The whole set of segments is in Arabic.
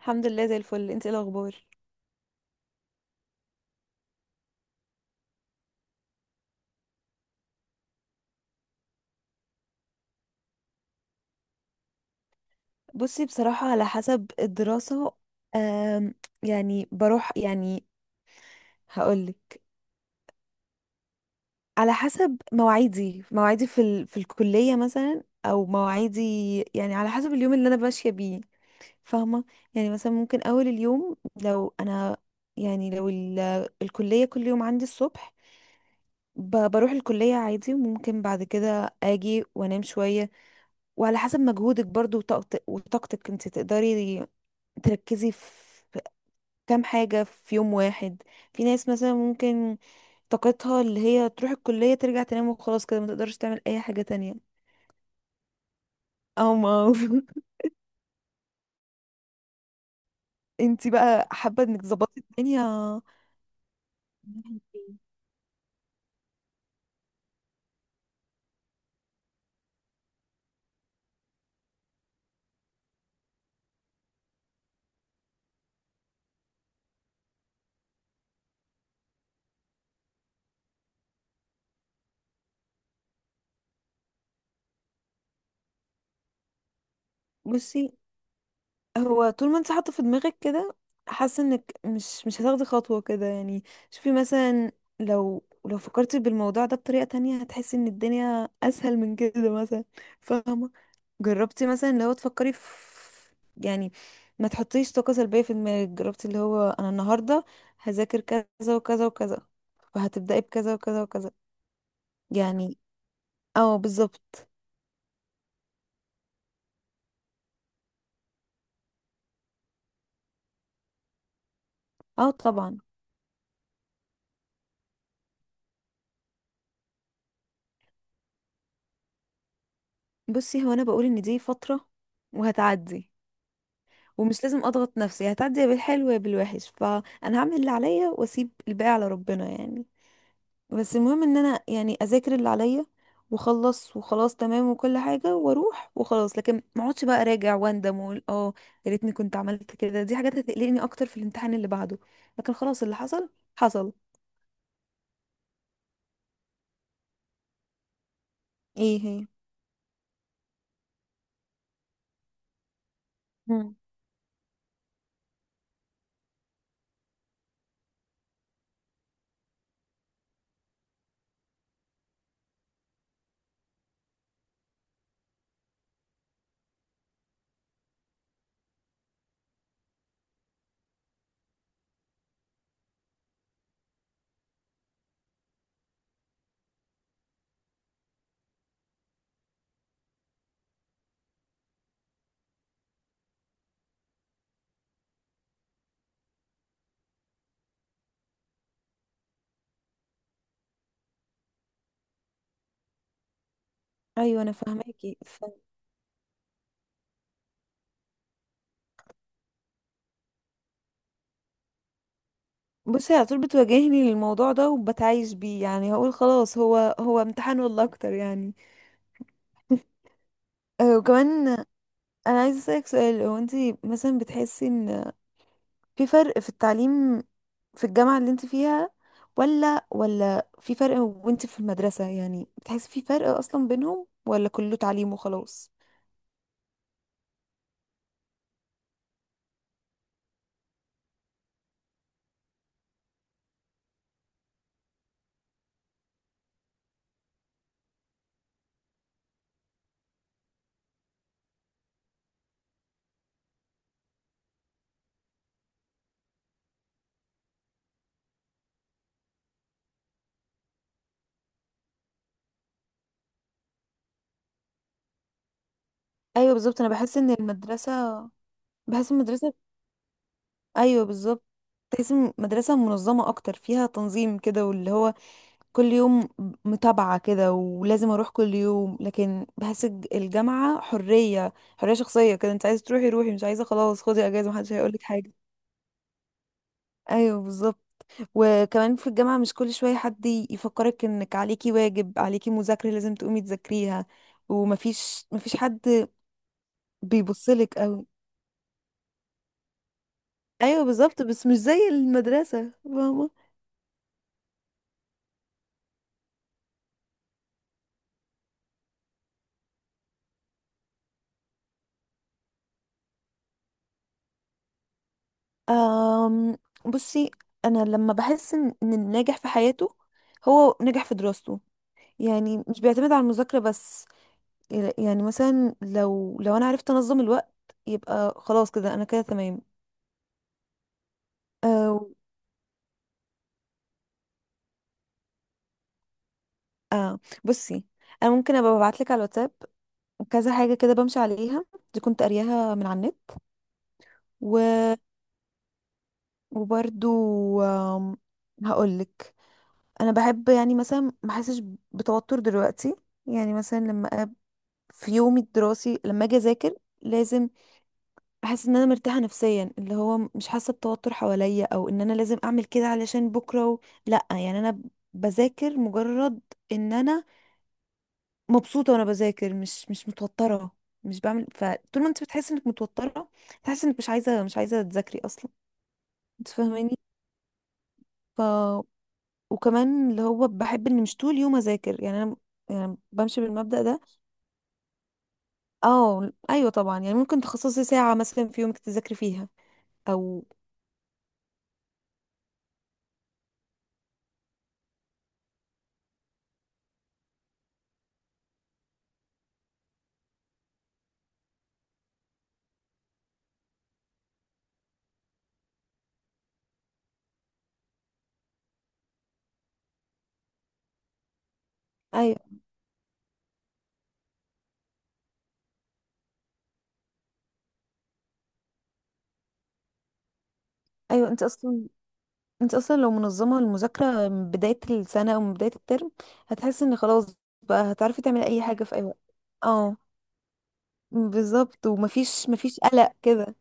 الحمد لله زي الفل، انت ايه الاخبار؟ بصي، بصراحة على حسب الدراسة. آم، يعني بروح. هقولك، على حسب مواعيدي في في الكلية مثلا او مواعيدي. يعني على حسب اليوم اللي انا ماشية بيه، فاهمة؟ يعني مثلا ممكن اول اليوم لو انا، لو الكلية كل يوم عندي الصبح، بروح الكلية عادي وممكن بعد كده اجي وانام شوية. وعلى حسب مجهودك برضو وطاقتك انت تقدري تركزي في كام حاجة في يوم واحد. في ناس مثلا ممكن طاقتها اللي هي تروح الكلية ترجع تنام وخلاص كده ما تقدرش تعمل أي حاجة تانية. أو ما انتي بقى حابة انك تظبطي الدنيا. بصي، هو طول ما انت حاطه في دماغك كده، حاسه انك مش هتاخدي خطوه كده يعني. شوفي مثلا، لو فكرتي بالموضوع ده بطريقه تانية هتحسي ان الدنيا اسهل من كده مثلا، فاهمه؟ جربتي مثلا لو تفكري في، يعني ما تحطيش طاقه سلبيه في دماغك. جربتي اللي هو انا النهارده هذاكر كذا وكذا وكذا، وهتبداي بكذا وكذا وكذا، يعني. اه بالظبط. اه طبعا. بصي، هو انا بقول ان دي فتره وهتعدي، ومش لازم اضغط نفسي. هتعدي يا بالحلو يا بالوحش، فانا هعمل اللي عليا واسيب الباقي على ربنا يعني. بس المهم ان انا يعني اذاكر اللي عليا واخلص وخلاص تمام وكل حاجه واروح وخلاص. لكن ما اقعدش بقى اراجع واندم واقول اه يا ريتني كنت عملت كده. دي حاجات هتقلقني اكتر في الامتحان اللي بعده. لكن خلاص، اللي حصل حصل. ايه هي؟ مم. ايوه انا فاهماكي بصي، على طول بتواجهني الموضوع ده وبتعايش بيه. يعني هقول خلاص، هو هو امتحان والله اكتر يعني. أه وكمان، انا عايزه اسالك سؤال. هو انت مثلا بتحسي ان في فرق في التعليم في الجامعه اللي انت فيها ولا في فرق وانت في المدرسه؟ يعني بتحسي في فرق اصلا بينهم ولا كله تعليم وخلاص؟ ايوه بالظبط، انا بحس ان المدرسه، بحس المدرسه. ايوه بالظبط. تحس إن مدرسة منظمة اكتر، فيها تنظيم كده واللي هو كل يوم متابعة كده ولازم اروح كل يوم. لكن بحس الجامعة حرية، حرية شخصية كده. انت عايزة تروحي روحي، مش عايزة خلاص خدي اجازة، محدش هيقولك حاجة. ايوه بالظبط. وكمان في الجامعة مش كل شوية حد يفكرك انك عليكي واجب، عليكي مذاكرة لازم تقومي تذاكريها. ومفيش حد بيبصلك قوي. ايوه بالظبط، بس مش زي المدرسة، فاهمة؟ أم، بصي، انا لما بحس ان إن الناجح في حياته هو ناجح في دراسته. يعني مش بيعتمد على المذاكرة بس. يعني مثلا لو انا عرفت انظم الوقت، يبقى خلاص كده انا كده تمام. أو اه، بصي، انا ممكن ابقى ابعت لك على الواتساب كذا حاجة كده بمشي عليها. دي كنت قارياها من على النت. و... وبرضو هقول لك، انا بحب يعني مثلا ما احسش بتوتر دلوقتي. يعني مثلا لما في يومي الدراسي لما اجي اذاكر، لازم احس ان انا مرتاحه نفسيا، اللي هو مش حاسه بتوتر حواليا او ان انا لازم اعمل كده علشان بكره لا. يعني انا بذاكر مجرد ان انا مبسوطه وانا بذاكر، مش متوتره، مش بعمل. فطول ما انت بتحس انك متوتره، تحس انك مش عايزه تذاكري اصلا، انت فاهماني؟ ف وكمان اللي هو بحب ان مش طول يوم اذاكر يعني انا، يعني بمشي بالمبدأ ده. اه ايوه طبعا، يعني ممكن تخصصي ساعه مثلا في يومك تذاكري فيها. او ايوه ايوه، انت اصلا، انت اصلا لو منظمه المذاكره من بدايه السنه او من بدايه الترم، هتحس ان خلاص بقى هتعرفي تعملي اي حاجه في اي وقت. اه بالظبط، ومفيش قلق كده.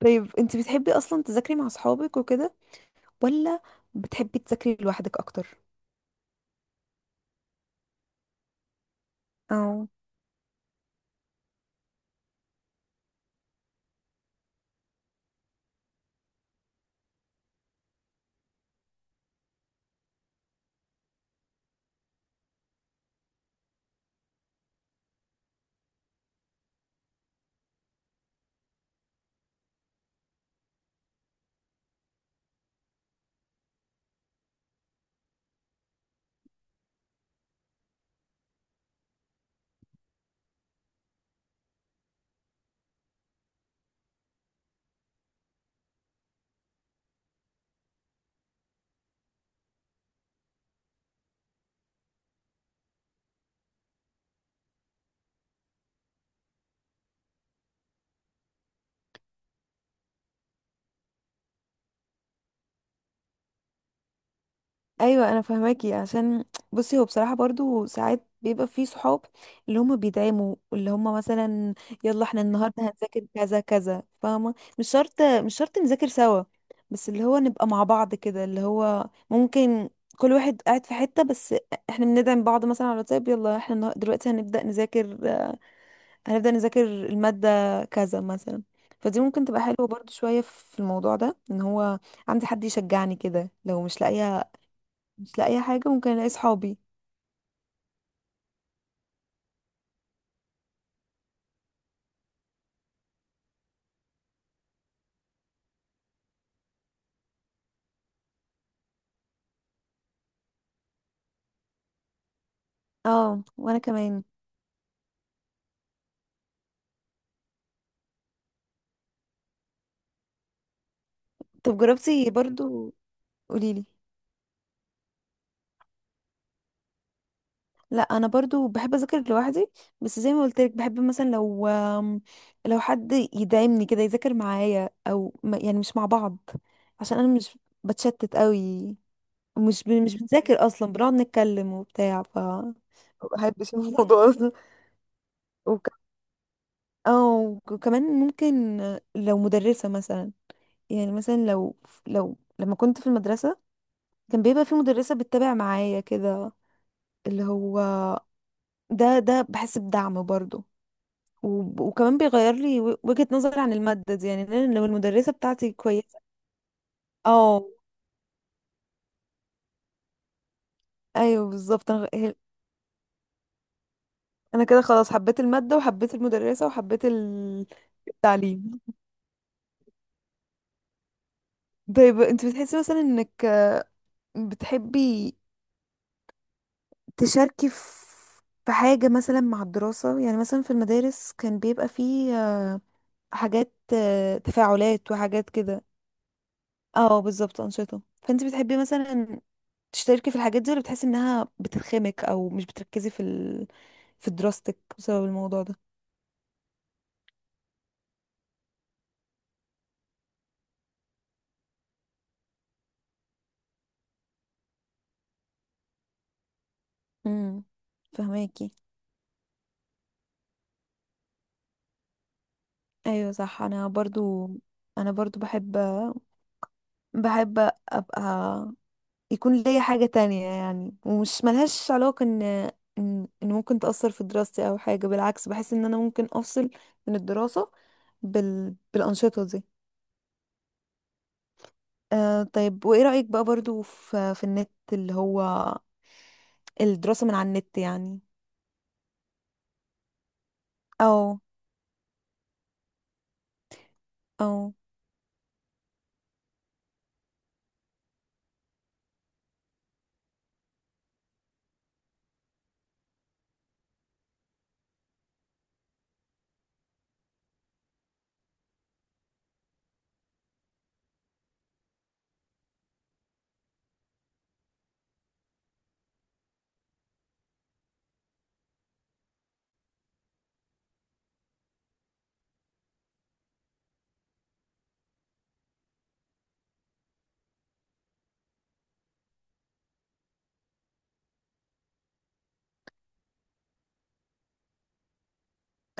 طيب انت بتحبي اصلا تذاكري مع اصحابك وكده، ولا بتحبي تذاكري لوحدك اكتر؟ آه. ايوه انا فاهماكي. عشان بصي، هو بصراحه برضو ساعات بيبقى في صحاب اللي هم بيدعموا، اللي هم مثلا يلا احنا النهارده هنذاكر كذا كذا، فاهمه؟ مش شرط نذاكر سوا، بس اللي هو نبقى مع بعض كده. اللي هو ممكن كل واحد قاعد في حته، بس احنا بندعم بعض مثلا على الواتساب، يلا احنا دلوقتي هنبدا نذاكر، هنبدا نذاكر الماده كذا مثلا. فدي ممكن تبقى حلوه برضو شويه. في الموضوع ده ان هو عندي حد يشجعني كده، لو مش لاقيه، مش لاقي حاجة، ممكن الاقي صحابي. اه وانا كمان. طب جربتي برضو، قوليلي. لا انا برضو بحب اذاكر لوحدي. بس زي ما قلت لك بحب مثلا لو لو حد يدعمني كده، يذاكر معايا او ما-، يعني مش مع بعض. عشان انا مش بتشتت قوي، مش بنذاكر اصلا، بنقعد نتكلم وبتاع. ف ما بحبش الموضوع ده. وك... اه وكمان ممكن لو مدرسة مثلا، يعني مثلا لو، لو لما كنت في المدرسة كان بيبقى في مدرسة بتتابع معايا كده، اللي هو، ده بحس بدعم برضه. وكمان بيغير لي وجهة نظري عن المادة دي. يعني لأن لو المدرسة بتاعتي كويسة، اه ايوه بالظبط. انا كده خلاص حبيت المادة وحبيت المدرسة وحبيت التعليم. طيب انت بتحسي مثلا انك بتحبي تشاركي في في حاجة مثلا مع الدراسة؟ يعني مثلا في المدارس كان بيبقى فيه حاجات تفاعلات وحاجات كده. اه بالظبط، أنشطة. فانت بتحبي مثلا تشتركي في الحاجات دي، ولا بتحسي انها بتخمك او مش بتركزي في في دراستك بسبب الموضوع ده؟ امم، فهماكي. ايوه صح، انا برضو، انا برضو بحب، بحب ابقى يكون ليا حاجة تانية، يعني ومش ملهاش علاقة ان إن ممكن تأثر في دراستي او حاجة. بالعكس، بحس ان انا ممكن افصل من الدراسة بالأنشطة دي. آه طيب، وايه رأيك بقى برضو في في النت، اللي هو الدراسة من على النت يعني؟ او او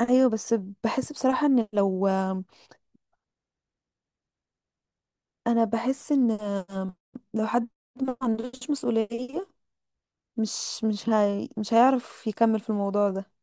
ايوه، بس بحس بصراحة ان لو، انا بحس ان لو حد ما عندوش مسؤولية، مش هيعرف يكمل في الموضوع ده.